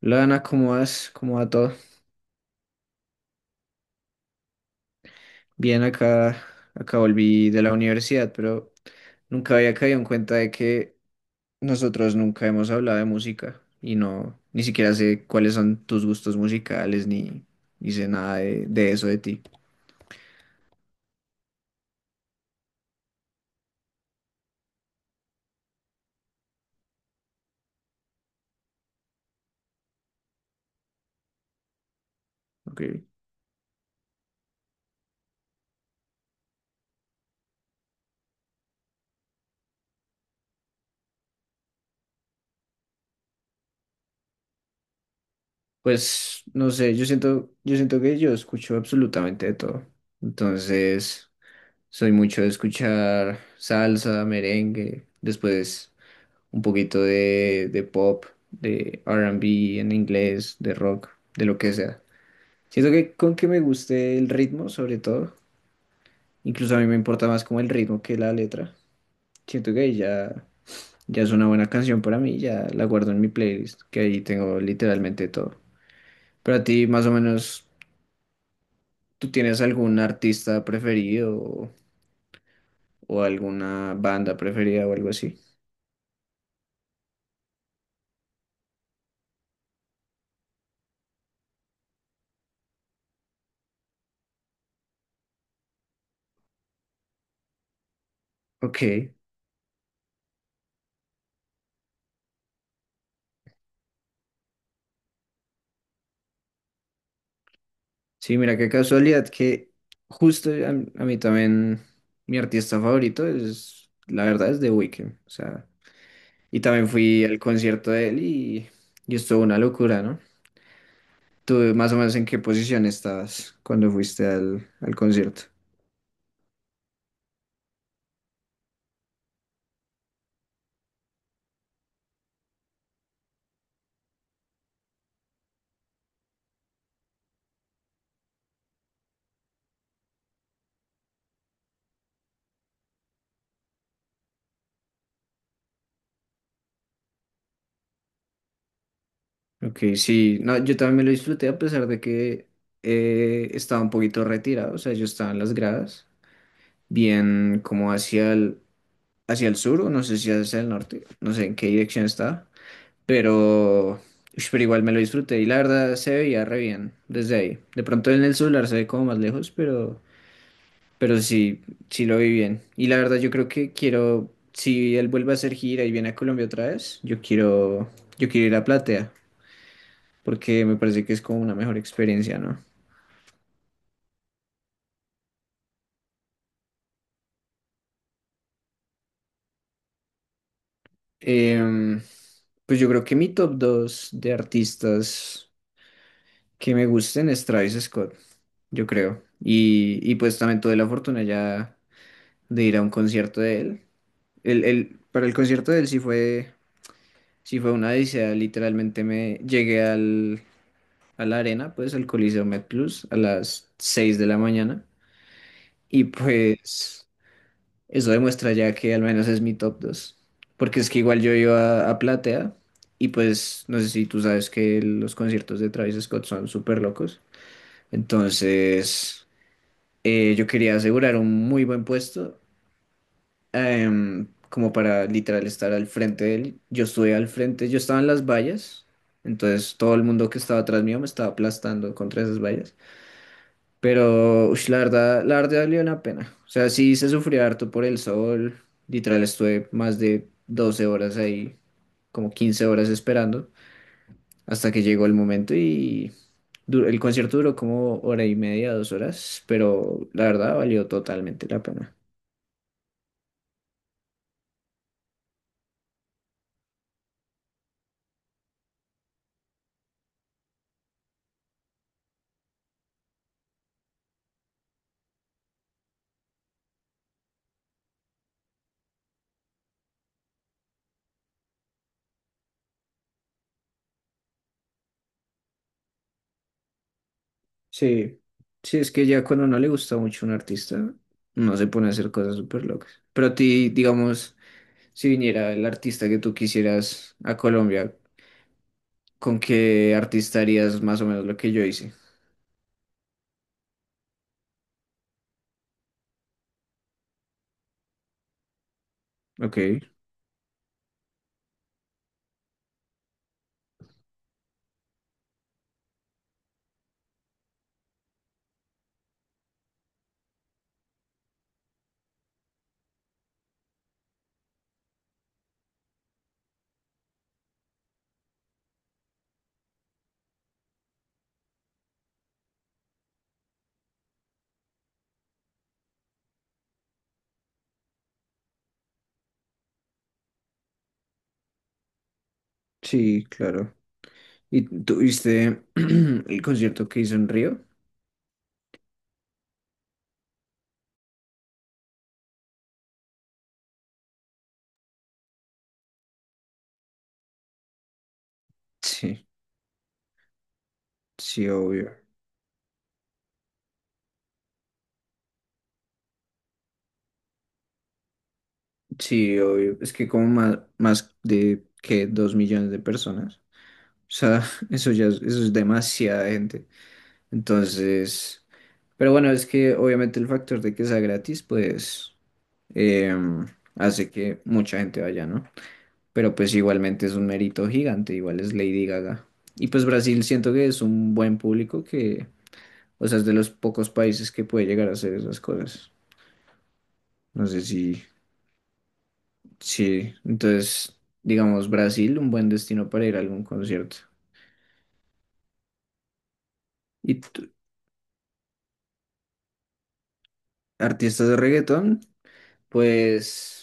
Lana, ¿cómo vas? ¿Cómo va todo? Bien, acá, acá volví de la universidad, pero nunca había caído en cuenta de que nosotros nunca hemos hablado de música y no, ni siquiera sé cuáles son tus gustos musicales ni, ni sé nada de eso de ti. Ok. Pues no sé, yo siento que yo escucho absolutamente de todo. Entonces, soy mucho de escuchar salsa, merengue, después, un poquito de pop, de R&B en inglés, de rock, de lo que sea. Siento que con que me guste el ritmo, sobre todo, incluso a mí me importa más como el ritmo que la letra. Siento que ahí ya, ya es una buena canción para mí, ya la guardo en mi playlist, que ahí tengo literalmente todo. Pero a ti, más o menos, ¿tú tienes algún artista preferido o alguna banda preferida o algo así? Ok. Sí, mira qué casualidad que justo a, a mí también mi artista favorito es, la verdad, es The Weeknd. O sea, y también fui al concierto de y estuvo una locura, ¿no? ¿Tú más o menos en qué posición estabas cuando fuiste al concierto? Ok, sí, no, yo también me lo disfruté a pesar de que estaba un poquito retirado, o sea, yo estaba en las gradas, bien como hacia hacia el sur, o no sé si hacia el norte, no sé en qué dirección estaba. Pero, ush, pero igual me lo disfruté y la verdad se veía re bien desde ahí. De pronto en el celular se ve como más lejos, pero sí, sí lo vi bien. Y la verdad yo creo que quiero, si él vuelve a hacer gira y viene a Colombia otra vez, yo quiero ir a Platea, porque me parece que es como una mejor experiencia, ¿no? Em, pues yo creo que mi top 2 de artistas que me gusten es Travis Scott, yo creo. Y pues también tuve la fortuna ya de ir a un concierto de él. Para el concierto de él sí fue una odisea. Literalmente a la arena, pues al Coliseo MedPlus a las 6 de la mañana. Y pues eso demuestra ya que al menos es mi top dos. Porque es que igual yo iba a Platea y pues no sé si tú sabes que los conciertos de Travis Scott son súper locos. Entonces yo quería asegurar un muy buen puesto, como para literal estar al frente de él. Yo estuve al frente, yo estaba en las vallas, entonces todo el mundo que estaba atrás mío me estaba aplastando contra esas vallas. Pero ush, la verdad valió la pena. O sea, sí se sufrió harto por el sol, literal estuve más de 12 horas ahí, como 15 horas esperando, hasta que llegó el momento y... El concierto duró como hora y media, dos horas, pero la verdad valió totalmente la pena. Sí, sí, es que ya cuando no le gusta mucho un artista, no se pone a hacer cosas súper locas. Pero a ti, digamos, si viniera el artista que tú quisieras a Colombia, ¿con qué artista harías más o menos lo que yo hice? Ok, sí, claro. ¿Y tuviste el concierto que hizo en Río? Sí, sí, obvio. Sí, obvio. Es que como más de que dos millones de personas. O sea, eso es demasiada gente. Entonces, pero bueno, es que obviamente el factor de que sea gratis, pues eh, hace que mucha gente vaya, ¿no? Pero pues igualmente es un mérito gigante, igual es Lady Gaga. Y pues Brasil siento que es un buen público o sea, es de los pocos países que puede llegar a hacer esas cosas. No sé si, sí, entonces, digamos, Brasil, un buen destino para ir a algún concierto. Y t- Artistas de reggaetón, pues...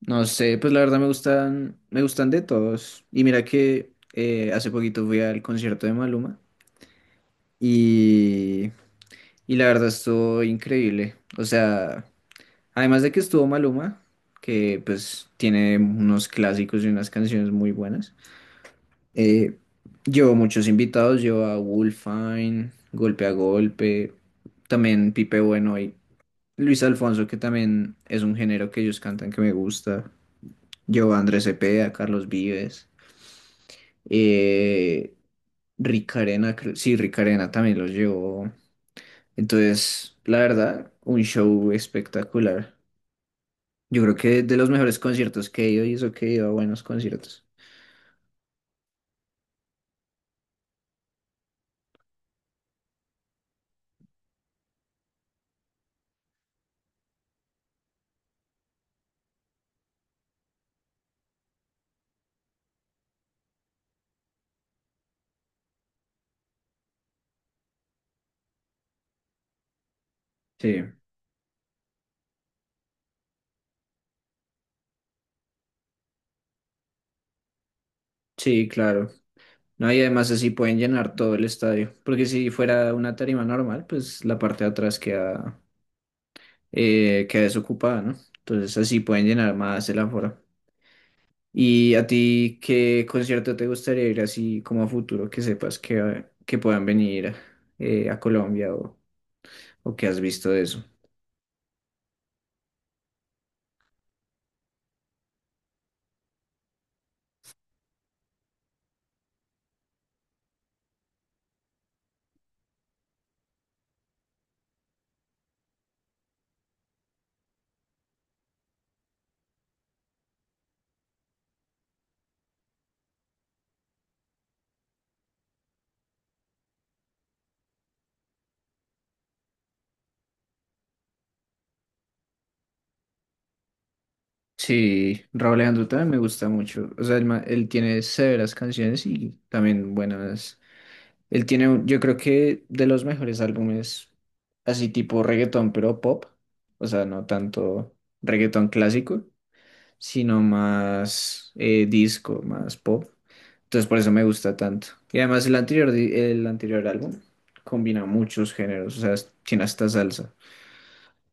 No sé, pues la verdad me gustan de todos. Y mira que hace poquito fui al concierto de Maluma y, y la verdad estuvo increíble. O sea, además de que estuvo Maluma, que pues tiene unos clásicos y unas canciones muy buenas, eh, llevó muchos invitados, llevó a Wolfine, Golpe a Golpe, también Pipe Bueno y Luis Alfonso, que también es un género que ellos cantan que me gusta. Llevó a Andrés Cepeda, a Carlos Vives. Eh, Rick Arena, sí, Rick Arena también los llevó. Entonces, la verdad, un show espectacular. Yo creo que de los mejores conciertos que he ido y eso que he ido a buenos conciertos. Sí, sí, claro. No, y además así pueden llenar todo el estadio, porque si fuera una tarima normal, pues la parte de atrás queda desocupada, ¿no? Entonces así pueden llenar más el aforo. ¿Y a ti qué concierto te gustaría ir así como a futuro que sepas que puedan venir a Colombia, o que has visto de eso? Sí, Raúl Alejandro también me gusta mucho. O sea, él, él tiene severas canciones y también buenas. Yo creo que de los mejores álbumes, así tipo reggaetón, pero pop. O sea, no tanto reggaetón clásico, sino más disco, más pop. Entonces por eso me gusta tanto. Y además el anterior álbum combina muchos géneros, o sea, tiene hasta salsa.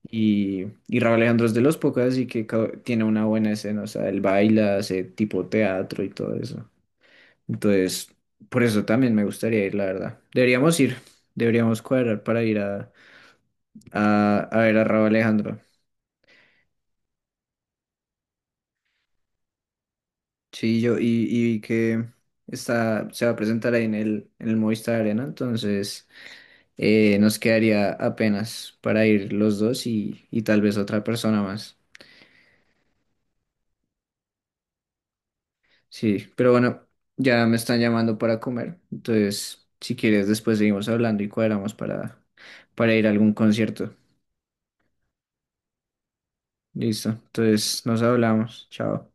Y Raúl Alejandro es de los pocos, así que tiene una buena escena, o sea, él baila, hace tipo teatro y todo eso. Entonces, por eso también me gustaría ir, la verdad. Deberíamos cuadrar para ir a ver a Raúl Alejandro. Sí, y que se va a presentar ahí en en el Movistar Arena, entonces nos quedaría apenas para ir los dos y tal vez otra persona más. Sí, pero bueno, ya me están llamando para comer, entonces si quieres después seguimos hablando y cuadramos para ir a algún concierto. Listo, entonces nos hablamos, chao.